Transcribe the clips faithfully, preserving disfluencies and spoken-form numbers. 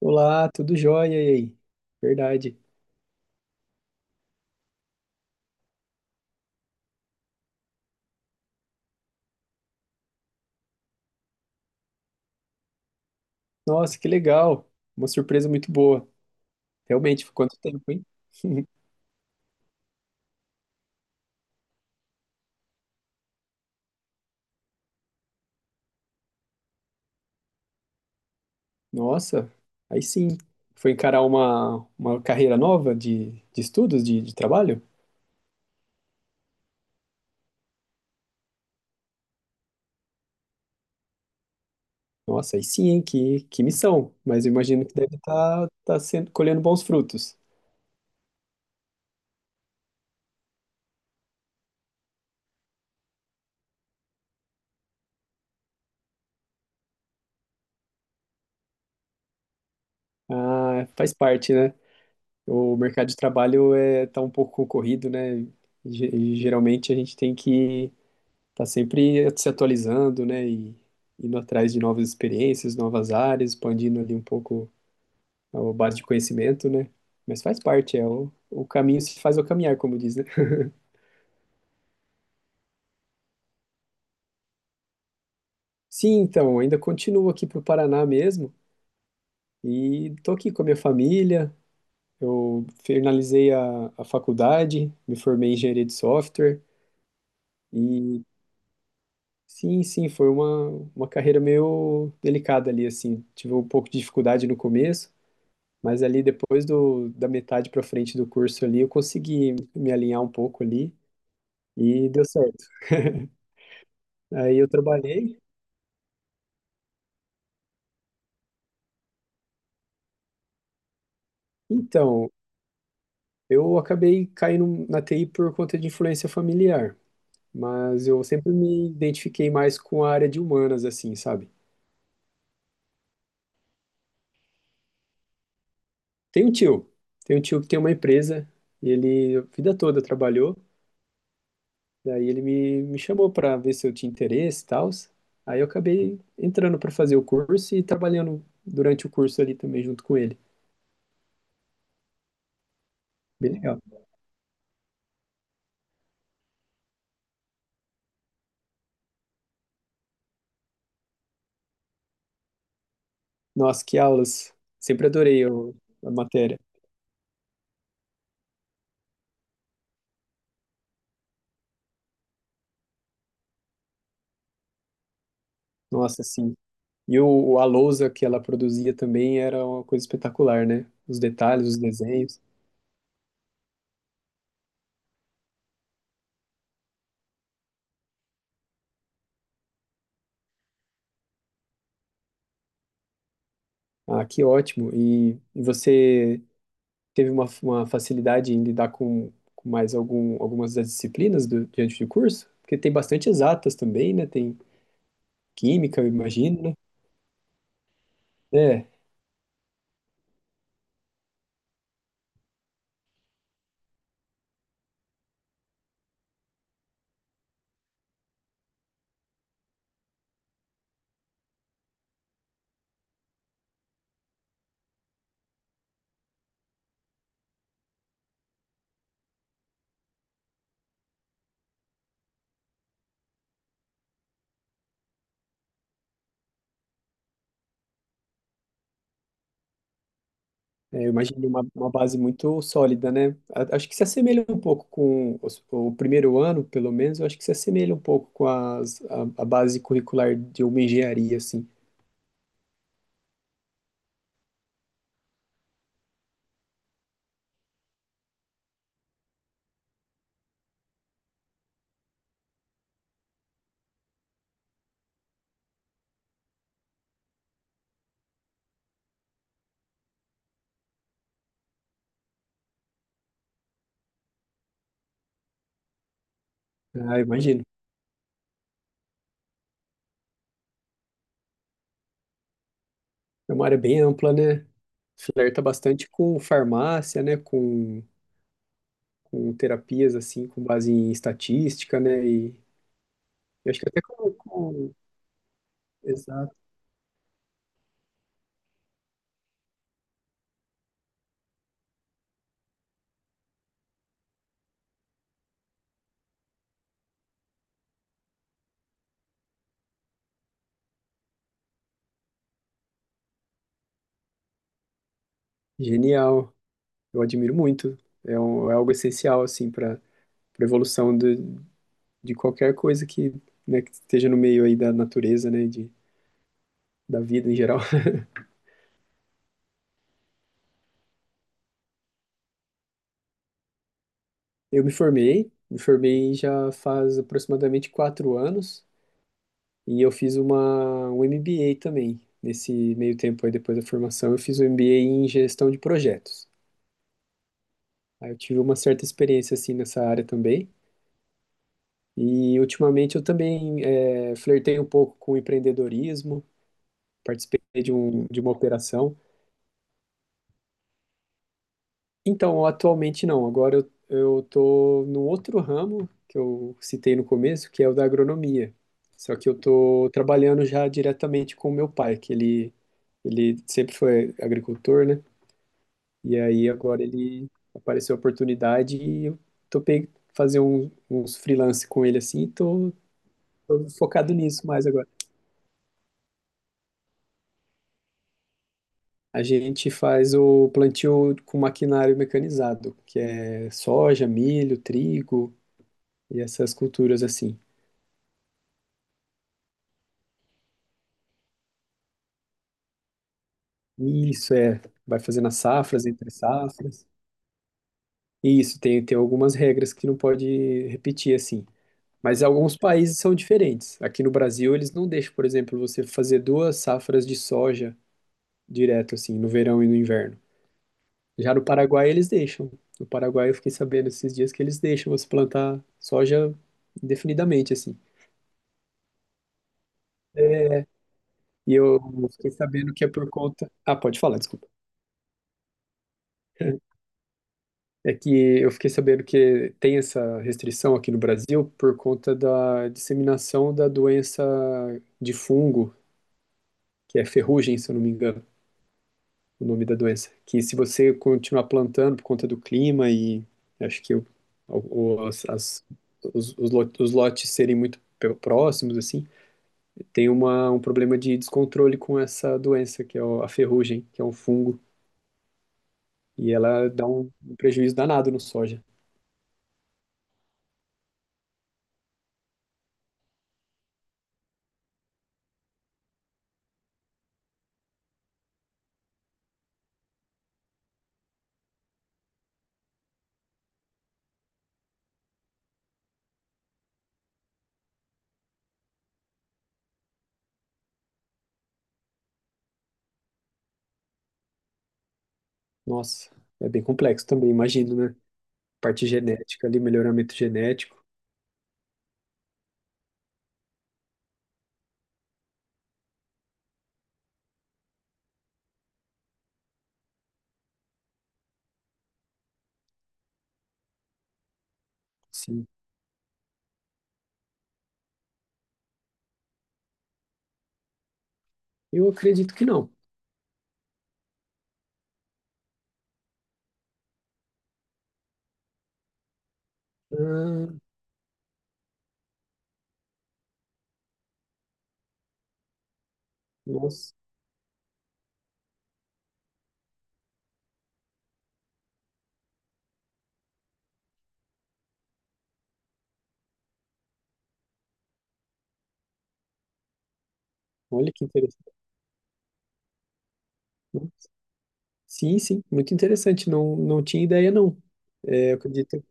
Olá, tudo jóia e aí? Verdade. Nossa, que legal. Uma surpresa muito boa. Realmente, foi quanto tempo, hein? Nossa, aí sim. Foi encarar uma, uma carreira nova de, de estudos, de, de trabalho? Nossa, aí sim, hein? Que, que missão. Mas eu imagino que deve estar tá, tá sendo, colhendo bons frutos. Ah, faz parte, né? O mercado de trabalho é, tá um pouco concorrido, né? Ge- Geralmente a gente tem que tá sempre se atualizando, né? E indo atrás de novas experiências, novas áreas, expandindo ali um pouco a base de conhecimento, né? Mas faz parte, é o, o caminho se faz ao caminhar, como diz, né? Sim, então, ainda continuo aqui pro Paraná mesmo e tô aqui com a minha família. Eu finalizei a, a faculdade, me formei em engenharia de software e sim, sim, foi uma, uma carreira meio delicada ali, assim. Tive um pouco de dificuldade no começo. Mas ali depois do, da metade para frente do curso ali, eu consegui me alinhar um pouco ali e deu certo. Aí eu trabalhei. Então, eu acabei caindo na T I por conta de influência familiar, mas eu sempre me identifiquei mais com a área de humanas, assim, sabe? Tem um tio, tem um tio que tem uma empresa e ele a vida toda trabalhou. Daí ele me, me chamou para ver se eu tinha interesse e tal. Aí eu acabei entrando para fazer o curso e trabalhando durante o curso ali também junto com ele. Bem legal. Nossa, que aulas. Sempre adorei o- a matéria. Nossa, sim. E o, o- a lousa que ela produzia também era uma coisa espetacular, né? Os detalhes, os desenhos. Ah, que ótimo. E, e você teve uma, uma facilidade em lidar com, com mais algum, algumas das disciplinas do, diante do curso? Porque tem bastante exatas também, né? Tem química, eu imagino, né? É. É, eu imagino uma, uma base muito sólida, né? A- Acho que se assemelha um pouco com os- o primeiro ano, pelo menos, eu acho que se assemelha um pouco com as- a, a base curricular de uma engenharia, assim. Ah, eu imagino. É uma área bem ampla, né? Flerta bastante com farmácia, né? Com, com terapias, assim, com base em estatística, né? E eu acho que até com, com... Exato. Genial. Eu admiro muito. É, um- é algo essencial, assim, para a evolução de qualquer coisa que, né, que esteja no meio aí da natureza, né, de, da vida em geral. Eu me formei, me formei já faz aproximadamente quatro anos e eu fiz uma, um M B A também. Nesse meio tempo aí, depois da formação, eu fiz um M B A em gestão de projetos. Aí eu tive uma certa experiência, assim, nessa área também. E ultimamente eu também é, flertei um pouco com empreendedorismo, participei de, um, de uma operação. Então, atualmente não. Agora eu, eu tô num outro ramo que eu citei no começo, que é o da agronomia. Só que eu tô trabalhando já diretamente com o meu pai, que ele, ele sempre foi agricultor, né? E aí agora ele apareceu a oportunidade e eu topei fazer um, uns freelance com ele assim, e tô, tô focado nisso mais agora. A gente faz o plantio com maquinário mecanizado, que é soja, milho, trigo e essas culturas assim. Isso é, vai fazendo as safras entre safras. Isso, tem, tem algumas regras que não pode repetir assim. Mas alguns países são diferentes. Aqui no Brasil, eles não deixam, por exemplo, você fazer duas safras de soja direto, assim, no verão e no inverno. Já no Paraguai, eles deixam. No Paraguai, eu fiquei sabendo esses dias que eles deixam você plantar soja indefinidamente, assim. E eu fiquei sabendo que é por conta. Ah, pode falar, desculpa. É que eu fiquei sabendo que tem essa restrição aqui no Brasil por conta da disseminação da doença de fungo, que é ferrugem, se eu não me engano, o nome da doença. Que se você continuar plantando por conta do clima e acho que o, o- as- as- os, os lo- os lotes serem muito pe- próximos, assim, tem uma, um problema de descontrole com essa doença, que é o- a ferrugem, que é um fungo, e ela dá um um prejuízo danado no soja. Nossa, é bem complexo também, imagino, né? Parte genética ali, melhoramento genético, sim. Eu acredito que não. Ah, nossa, olha que interessante. Sim, sim, muito interessante. Não, não tinha ideia, não. É, eu acredito.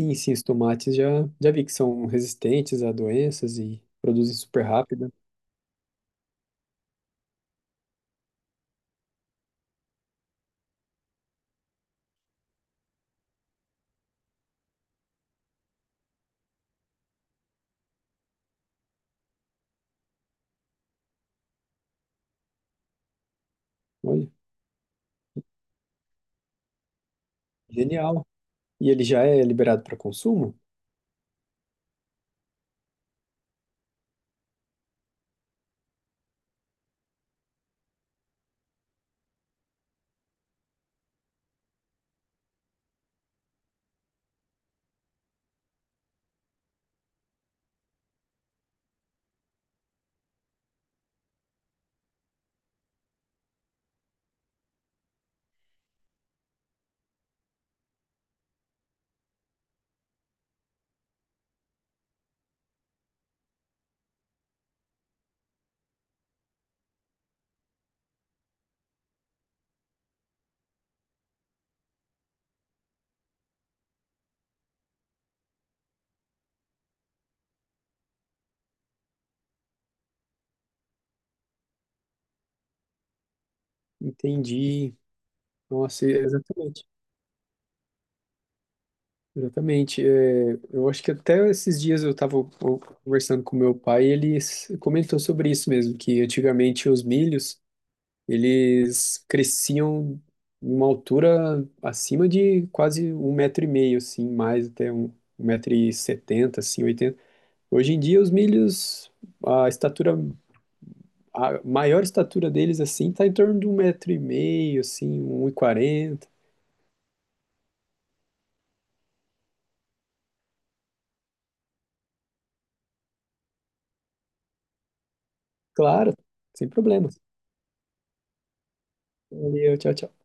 Sim, sim, os tomates já, já vi que são resistentes a doenças e produzem super rápido. Olha, genial. E ele já é liberado para consumo? Entendi. Nossa, exatamente. Exatamente. É, eu acho que até esses dias eu estava conversando com meu pai e ele s- comentou sobre isso mesmo, que antigamente os milhos, eles cresciam em uma altura acima de quase um metro e meio, assim, mais até um, um metro e setenta, assim, oitenta. Hoje em dia os milhos, a estatura, a maior estatura deles, assim, está em torno de um metro e meio, assim, um e quarenta. Claro, sem problemas. Valeu, tchau, tchau.